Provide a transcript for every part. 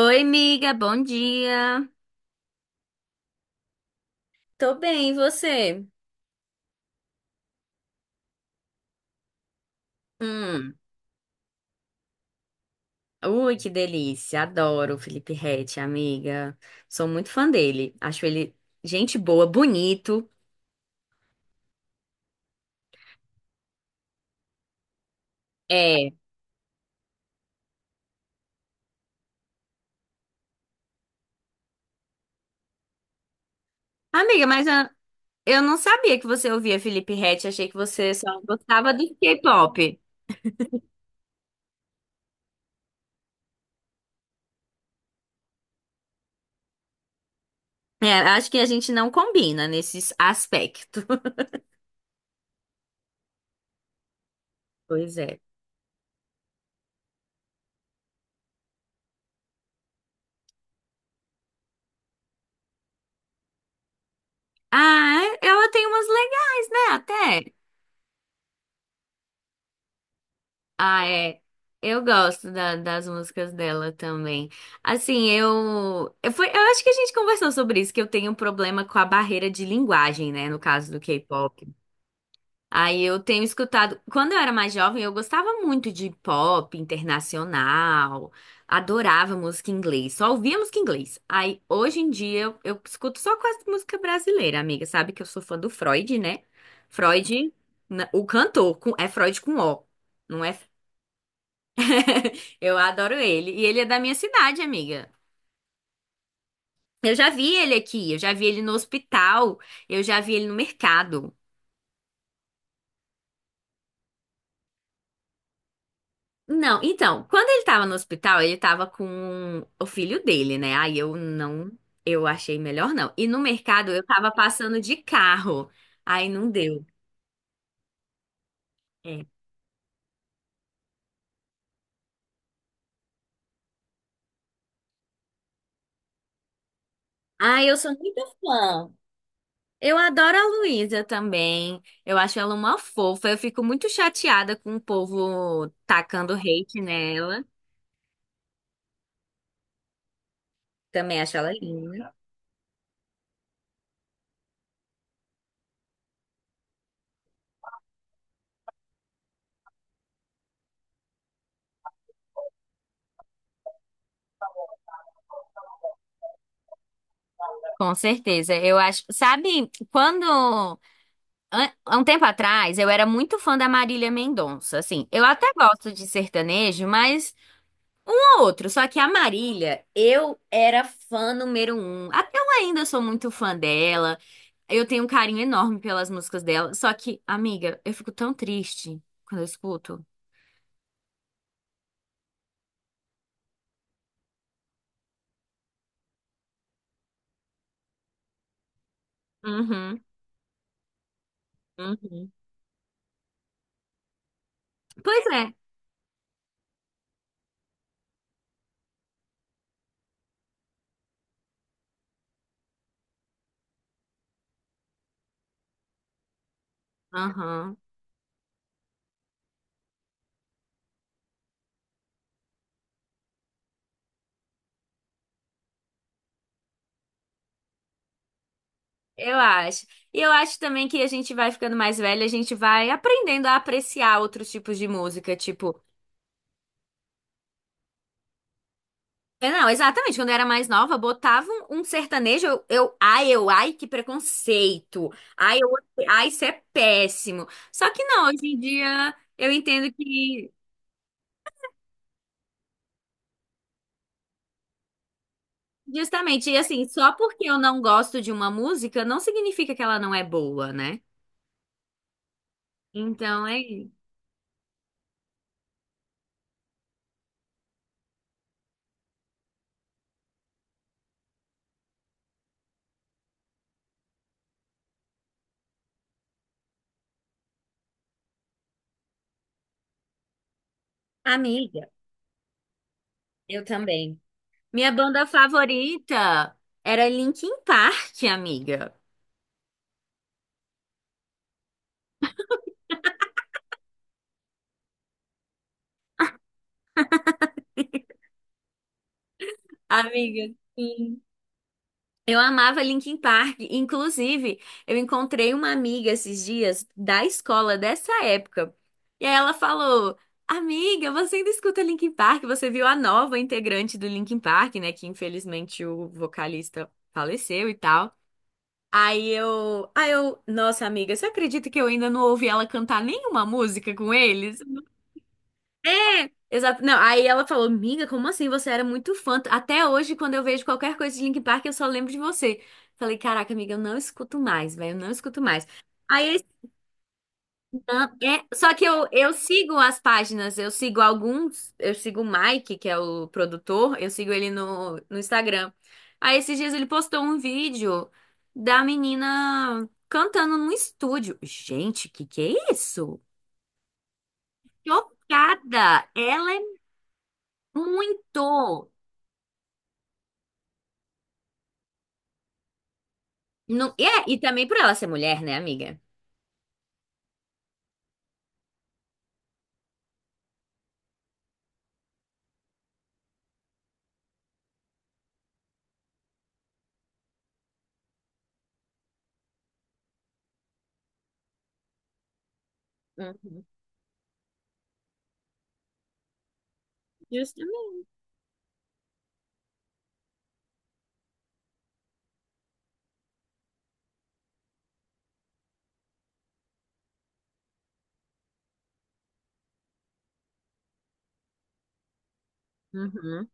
Oi, amiga, bom dia. Tô bem, e você? Hum, ui, que delícia. Adoro o Felipe Ret, amiga. Sou muito fã dele. Acho ele gente boa, bonito. É. Amiga, mas eu não sabia que você ouvia Felipe Ret. Achei que você só gostava do K-pop. É, acho que a gente não combina nesse aspecto. Pois é. Ah, ela tem umas legais, né? Até. Ah, é. Eu gosto das músicas dela também. Assim, eu acho que a gente conversou sobre isso, que eu tenho um problema com a barreira de linguagem, né, no caso do K-pop. Aí eu tenho escutado, quando eu era mais jovem, eu gostava muito de pop internacional, adorava música em inglês, só ouvia música em inglês. Aí hoje em dia eu escuto só quase música brasileira, amiga, sabe que eu sou fã do Freud, né? Freud, o cantor, é Freud com O. Não é. Eu adoro ele. E ele é da minha cidade, amiga. Eu já vi ele aqui, eu já vi ele no hospital, eu já vi ele no mercado. Não, então, quando ele tava no hospital, ele tava com o filho dele, né? Aí eu não, eu achei melhor não. E no mercado eu tava passando de carro. Aí não deu. É. Ah, eu sou muito fã. Eu adoro a Luísa também. Eu acho ela uma fofa. Eu fico muito chateada com o povo tacando hate nela. Também acho ela linda. Com certeza, eu acho. Sabe, quando. Há um tempo atrás, eu era muito fã da Marília Mendonça. Assim, eu até gosto de sertanejo, mas não outro. Só que a Marília, eu era fã número um. Até eu ainda sou muito fã dela. Eu tenho um carinho enorme pelas músicas dela. Só que, amiga, eu fico tão triste quando eu escuto. Uhum, uhum. Pois é. Aham. Eu acho. E eu acho também que a gente vai ficando mais velha, a gente vai aprendendo a apreciar outros tipos de música, tipo. É, não, exatamente. Quando eu era mais nova, botava um sertanejo, que preconceito. Ai, eu, isso é péssimo. Só que não, hoje em dia eu entendo que, justamente, e assim, só porque eu não gosto de uma música, não significa que ela não é boa, né? Então, é. Isso. Amiga, eu também. Minha banda favorita era Linkin Park, amiga. Amiga, sim. Eu amava Linkin Park. Inclusive, eu encontrei uma amiga esses dias da escola dessa época. E aí ela falou: "Amiga, você ainda escuta Linkin Park? Você viu a nova integrante do Linkin Park, né? Que infelizmente o vocalista faleceu e tal." Nossa amiga, você acredita que eu ainda não ouvi ela cantar nenhuma música com eles? É, exato. Não, aí ela falou, amiga, como assim? Você era muito fã. Até hoje, quando eu vejo qualquer coisa de Linkin Park, eu só lembro de você. Falei, caraca, amiga, eu não escuto mais, velho, eu não escuto mais. Aí, esse an- é, só que eu sigo as páginas, eu sigo alguns, eu sigo o Mike, que é o produtor, eu sigo ele no Instagram. Aí, esses dias ele postou um vídeo da menina cantando num estúdio. Gente, que é isso? Chocada! Ela é muito. Não, e é, e também por ela ser mulher, né, amiga? Uhum. Justamente. Uhum.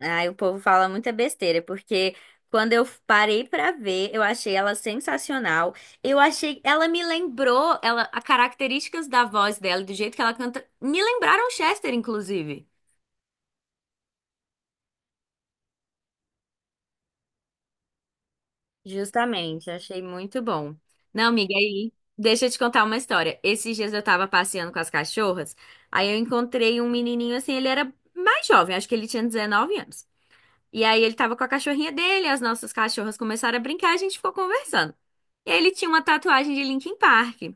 Ai, o povo fala muita besteira, porque quando eu parei pra ver, eu achei ela sensacional. Eu achei, ela me lembrou, ela, as características da voz dela, e do jeito que ela canta, me lembraram Chester, inclusive. Justamente, achei muito bom. Não, amiga, aí, deixa eu te contar uma história. Esses dias eu tava passeando com as cachorras, aí eu encontrei um menininho assim, ele era mais jovem, acho que ele tinha 19 anos. E aí ele tava com a cachorrinha dele, as nossas cachorras começaram a brincar, a gente ficou conversando. E aí ele tinha uma tatuagem de Linkin Park.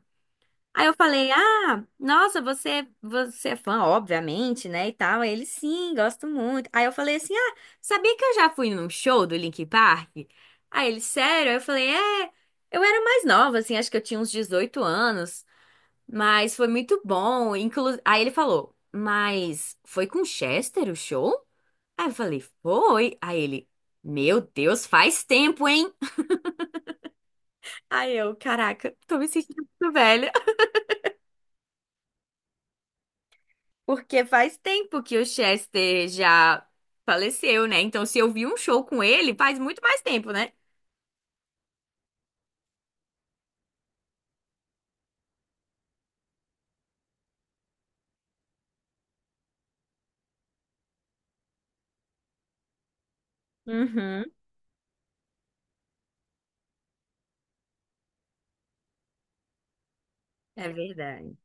Aí eu falei: "Ah, nossa, você é fã, obviamente, né?" E tal. Aí ele: "Sim, gosto muito". Aí eu falei assim: "Ah, sabia que eu já fui num show do Linkin Park?" Aí ele: "Sério?" Aí eu falei: "É, eu era mais nova, assim, acho que eu tinha uns 18 anos. Mas foi muito bom. Aí ele falou, mas foi com Chester o show? Aí eu falei, foi. Aí ele, meu Deus, faz tempo, hein? Aí eu, caraca, tô me sentindo muito velha. Porque faz tempo que o Chester já faleceu, né? Então, se eu vi um show com ele, faz muito mais tempo, né? Uhum. É verdade.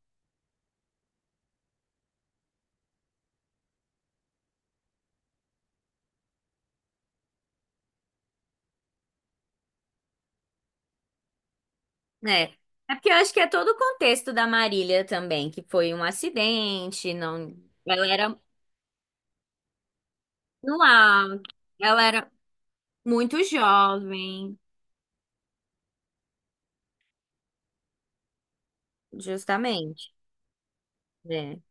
É. É porque eu acho que é todo o contexto da Marília também, que foi um acidente, não, ela era no ar, ela era muito jovem, justamente, né?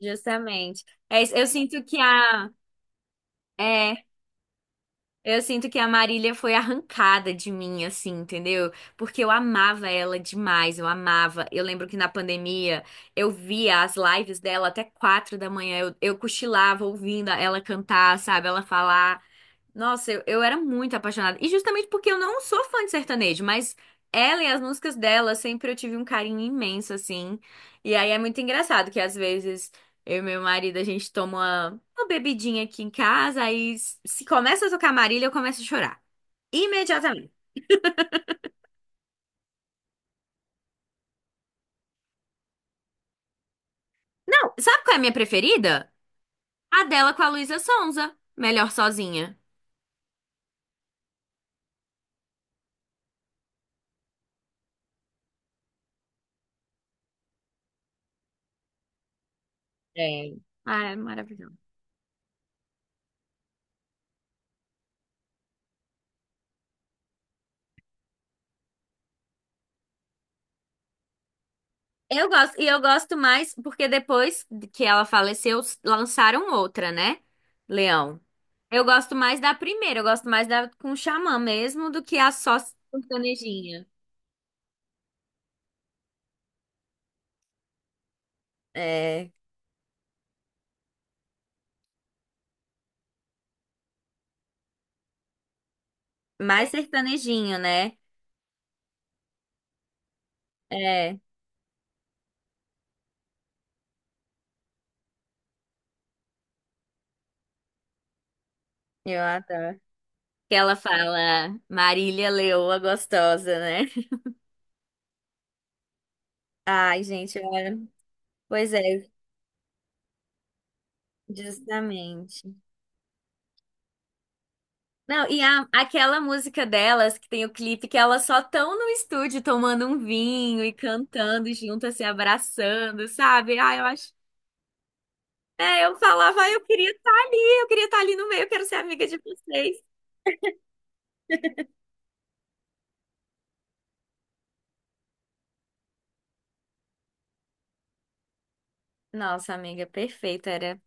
Justamente. É, isso, é, eu sinto que a Marília foi arrancada de mim, assim, entendeu? Porque eu amava ela demais, eu amava. Eu lembro que na pandemia eu via as lives dela até quatro da manhã, eu cochilava ouvindo ela cantar, sabe? Ela falar. Nossa, eu era muito apaixonada. E justamente porque eu não sou fã de sertanejo, mas ela e as músicas dela sempre eu tive um carinho imenso, assim. E aí é muito engraçado que às vezes eu e meu marido a gente toma uma bebidinha aqui em casa, aí se começa a tocar Marília, eu começo a chorar. Imediatamente. Não, sabe qual é a minha preferida? A dela com a Luísa Sonza. Melhor sozinha. É. Ah, é maravilhoso. Eu gosto, e eu gosto mais porque depois que ela faleceu, lançaram outra, né? Leão. Eu gosto mais da primeira, eu gosto mais da com o Xamã mesmo do que a só sertanejinha. É, mais sertanejinho, né? É, eu adoro. Que ela fala Marília Leoa gostosa, né? Ai, gente, olha. Pois é, justamente. Não, aquela música delas, que tem o clipe, que elas só estão no estúdio tomando um vinho e cantando juntas, se abraçando, sabe? Ah, eu acho. É, eu falava, "Ah, eu queria estar ali no meio, eu quero ser amiga de vocês. Nossa, amiga, perfeita,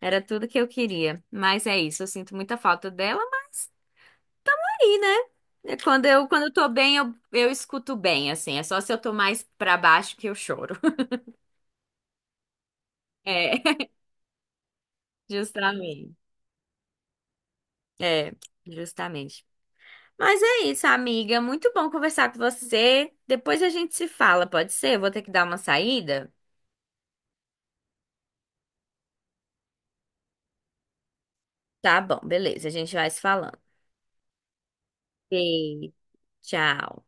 era tudo que eu queria." Mas é isso, eu sinto muita falta dela, mas tá aí, né? É. Quando eu tô bem, eu escuto bem, assim. É só se eu tô mais pra baixo que eu choro. É, justamente. É, justamente. Mas é isso, amiga. Muito bom conversar com você. Depois a gente se fala, pode ser? Eu vou ter que dar uma saída. Tá bom, beleza. A gente vai se falando. Beijo, tchau.